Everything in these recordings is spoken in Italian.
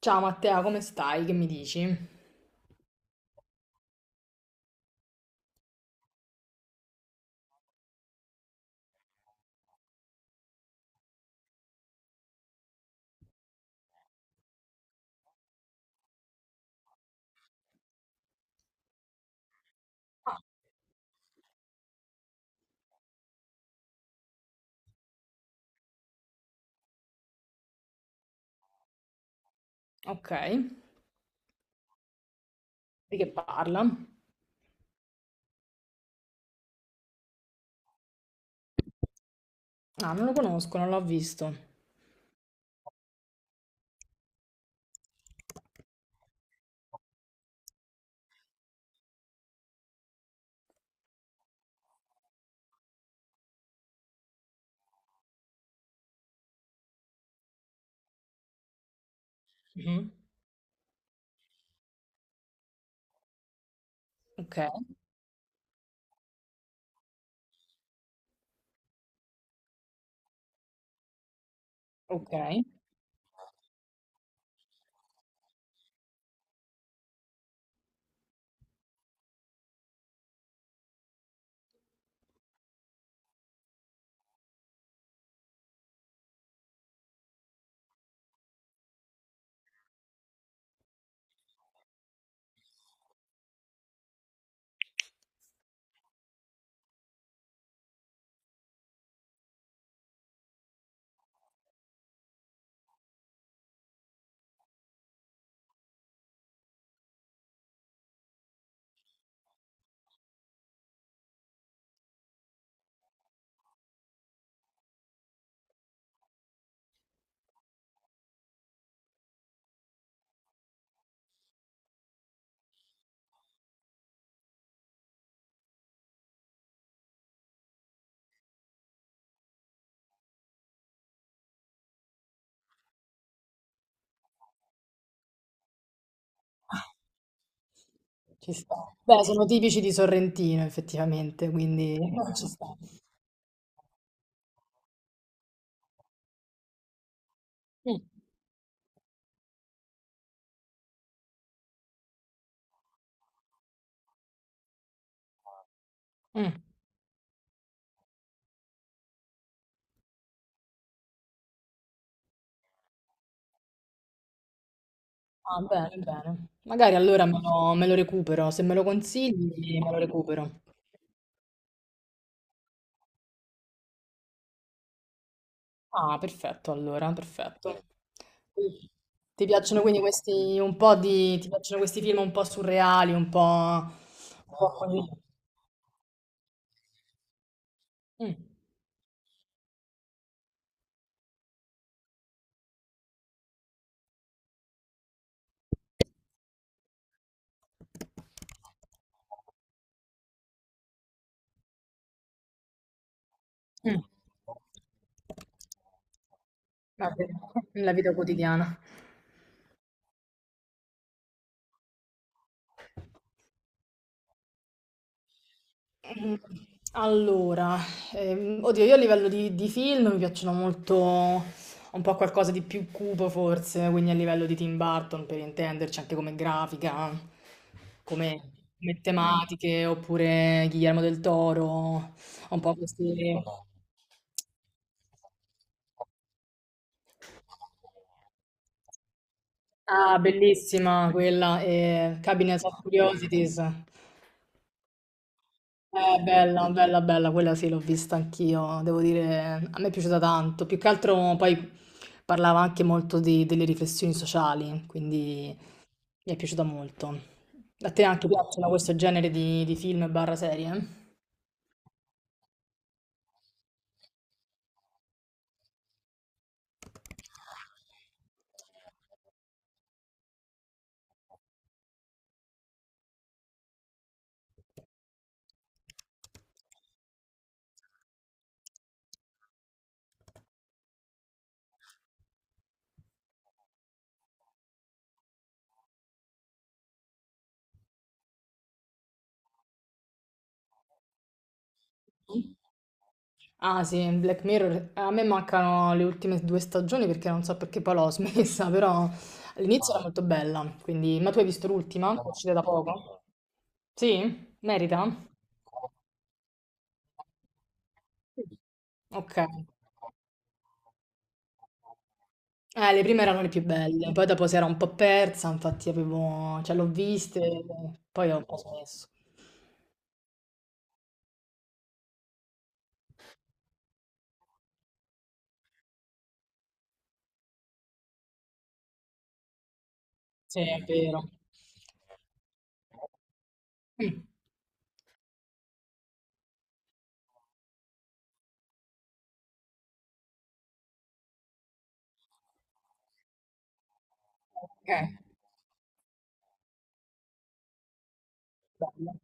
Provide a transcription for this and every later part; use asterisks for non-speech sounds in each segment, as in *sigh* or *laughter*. Ciao Matteo, come stai? Che mi dici? Ok, di che parla? Ah, non lo conosco, non l'ho visto. Mhm. Ok, ok. Ah, ci sta. Beh, sono tipici di Sorrentino, effettivamente, quindi *laughs* ci sta. Mm. Mm. Ah, bene, bene. Magari allora me lo recupero. Se me lo consigli, me lo recupero. Ah, perfetto, allora, perfetto. Ti piacciono quindi questi un po' di, ti piacciono questi film un po' surreali, un po' così. Mm, mm. Vabbè, la vita quotidiana. Mm, allora, oddio, io a livello di film mi piacciono molto un po' qualcosa di più cupo forse, quindi a livello di Tim Burton per intenderci, anche come grafica, come, come tematiche, oppure Guillermo del Toro, un po' questi... Ah, bellissima quella, Cabinet of Curiosities. Bella, bella, bella, quella sì, l'ho vista anch'io, devo dire, a me è piaciuta tanto, più che altro poi parlava anche molto di- delle riflessioni sociali, quindi mi è piaciuta molto. A te anche piacciono questo genere di film barra serie? Ah sì, Black Mirror, a me mancano le ultime due stagioni perché non so perché poi l'ho *laughs* smessa, però all'inizio era molto bella, quindi... Ma tu hai visto l'ultima? Che è uscita da poco? Sì? Merita? Ok. Le prime erano le più belle, poi dopo si era un po' persa, infatti avevo, cioè l'ho viste, poi ho un po' smesso. Sì, è vero. Mm, ok, bello.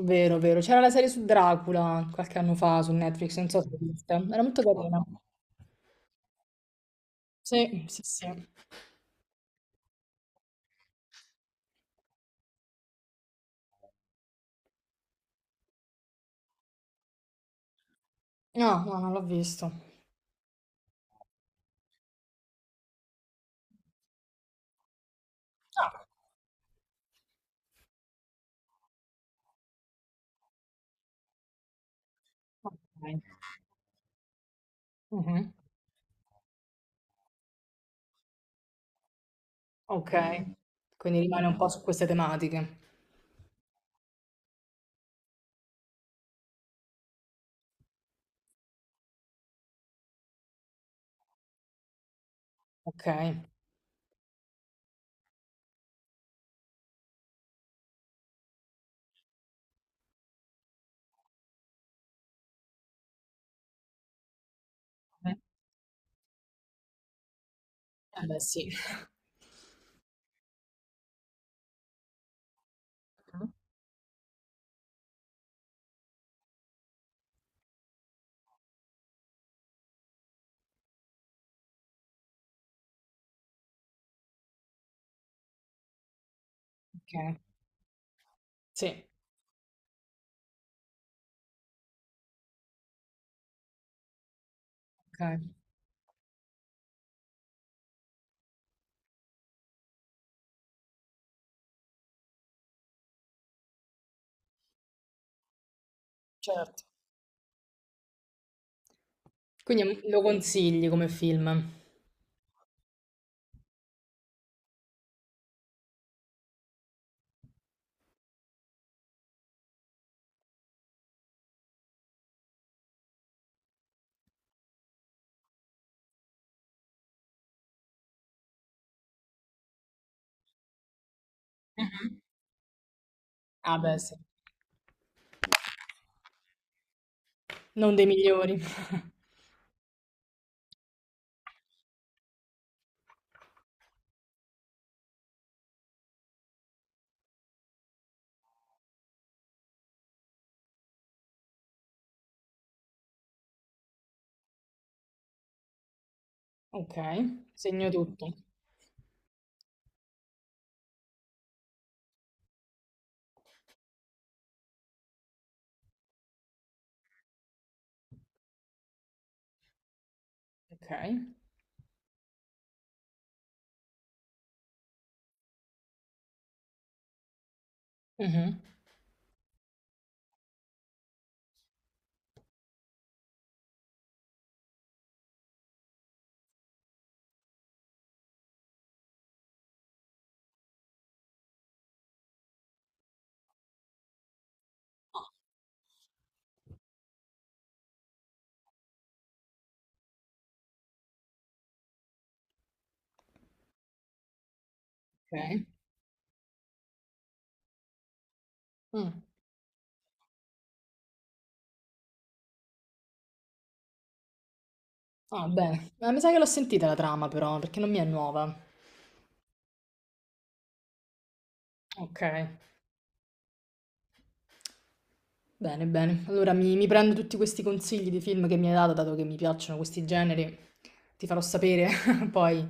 Vero, vero. C'era la serie su Dracula qualche anno fa su Netflix, non so se l'hai vista. Era molto carina. Sì, sì, sì. No, no, non l'ho visto. Ah, ok. Mhm, ok, quindi rimane un po' su queste tematiche. Ok. Eh beh, sì. *laughs* Ok, sì, ok, certo. Quindi lo consigli come film? Mh-mh. Ah beh, sì. Non dei migliori. *laughs* Okay, segno tutto. Okay. Mh-mh. Okay. Mh. Ah, bene. Ma mi sa che l'ho sentita la trama però, perché non mi è nuova. Okay. Bene, bene. Allora mi prendo tutti questi consigli di film che mi hai dato, dato che mi piacciono questi generi, ti farò sapere *laughs* poi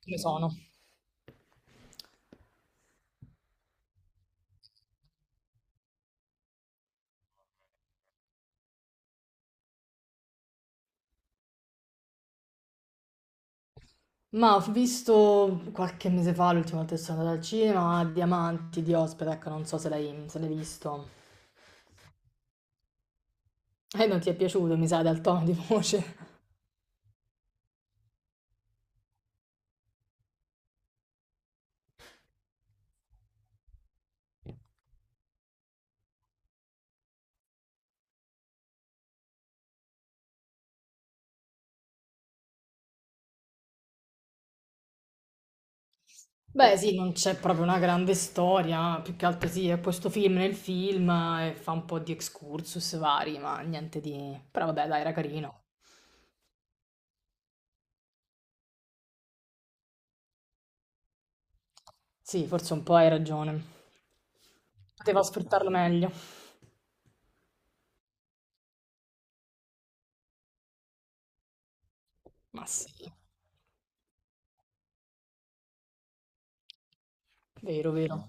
come sono. Ma ho visto qualche mese fa, l'ultima volta che sono andata al cinema, Diamanti di Ospetek, non so se l'hai visto. E non ti è piaciuto, mi sa, dal tono di voce. *laughs* Beh, sì, non c'è proprio una grande storia, più che altro sì, è questo film nel film e fa un po' di excursus vari, ma niente di... Però vabbè, dai, era carino. Sì, forse un po' hai ragione. Poteva sfruttarlo meglio. Ma sì, vero, vero.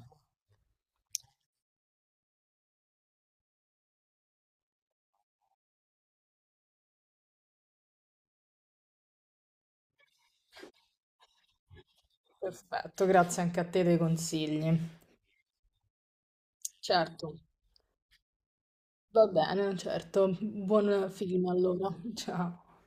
Perfetto, grazie anche a te dei consigli. Certo, va bene, certo. Buon film allora. *laughs* Ciao.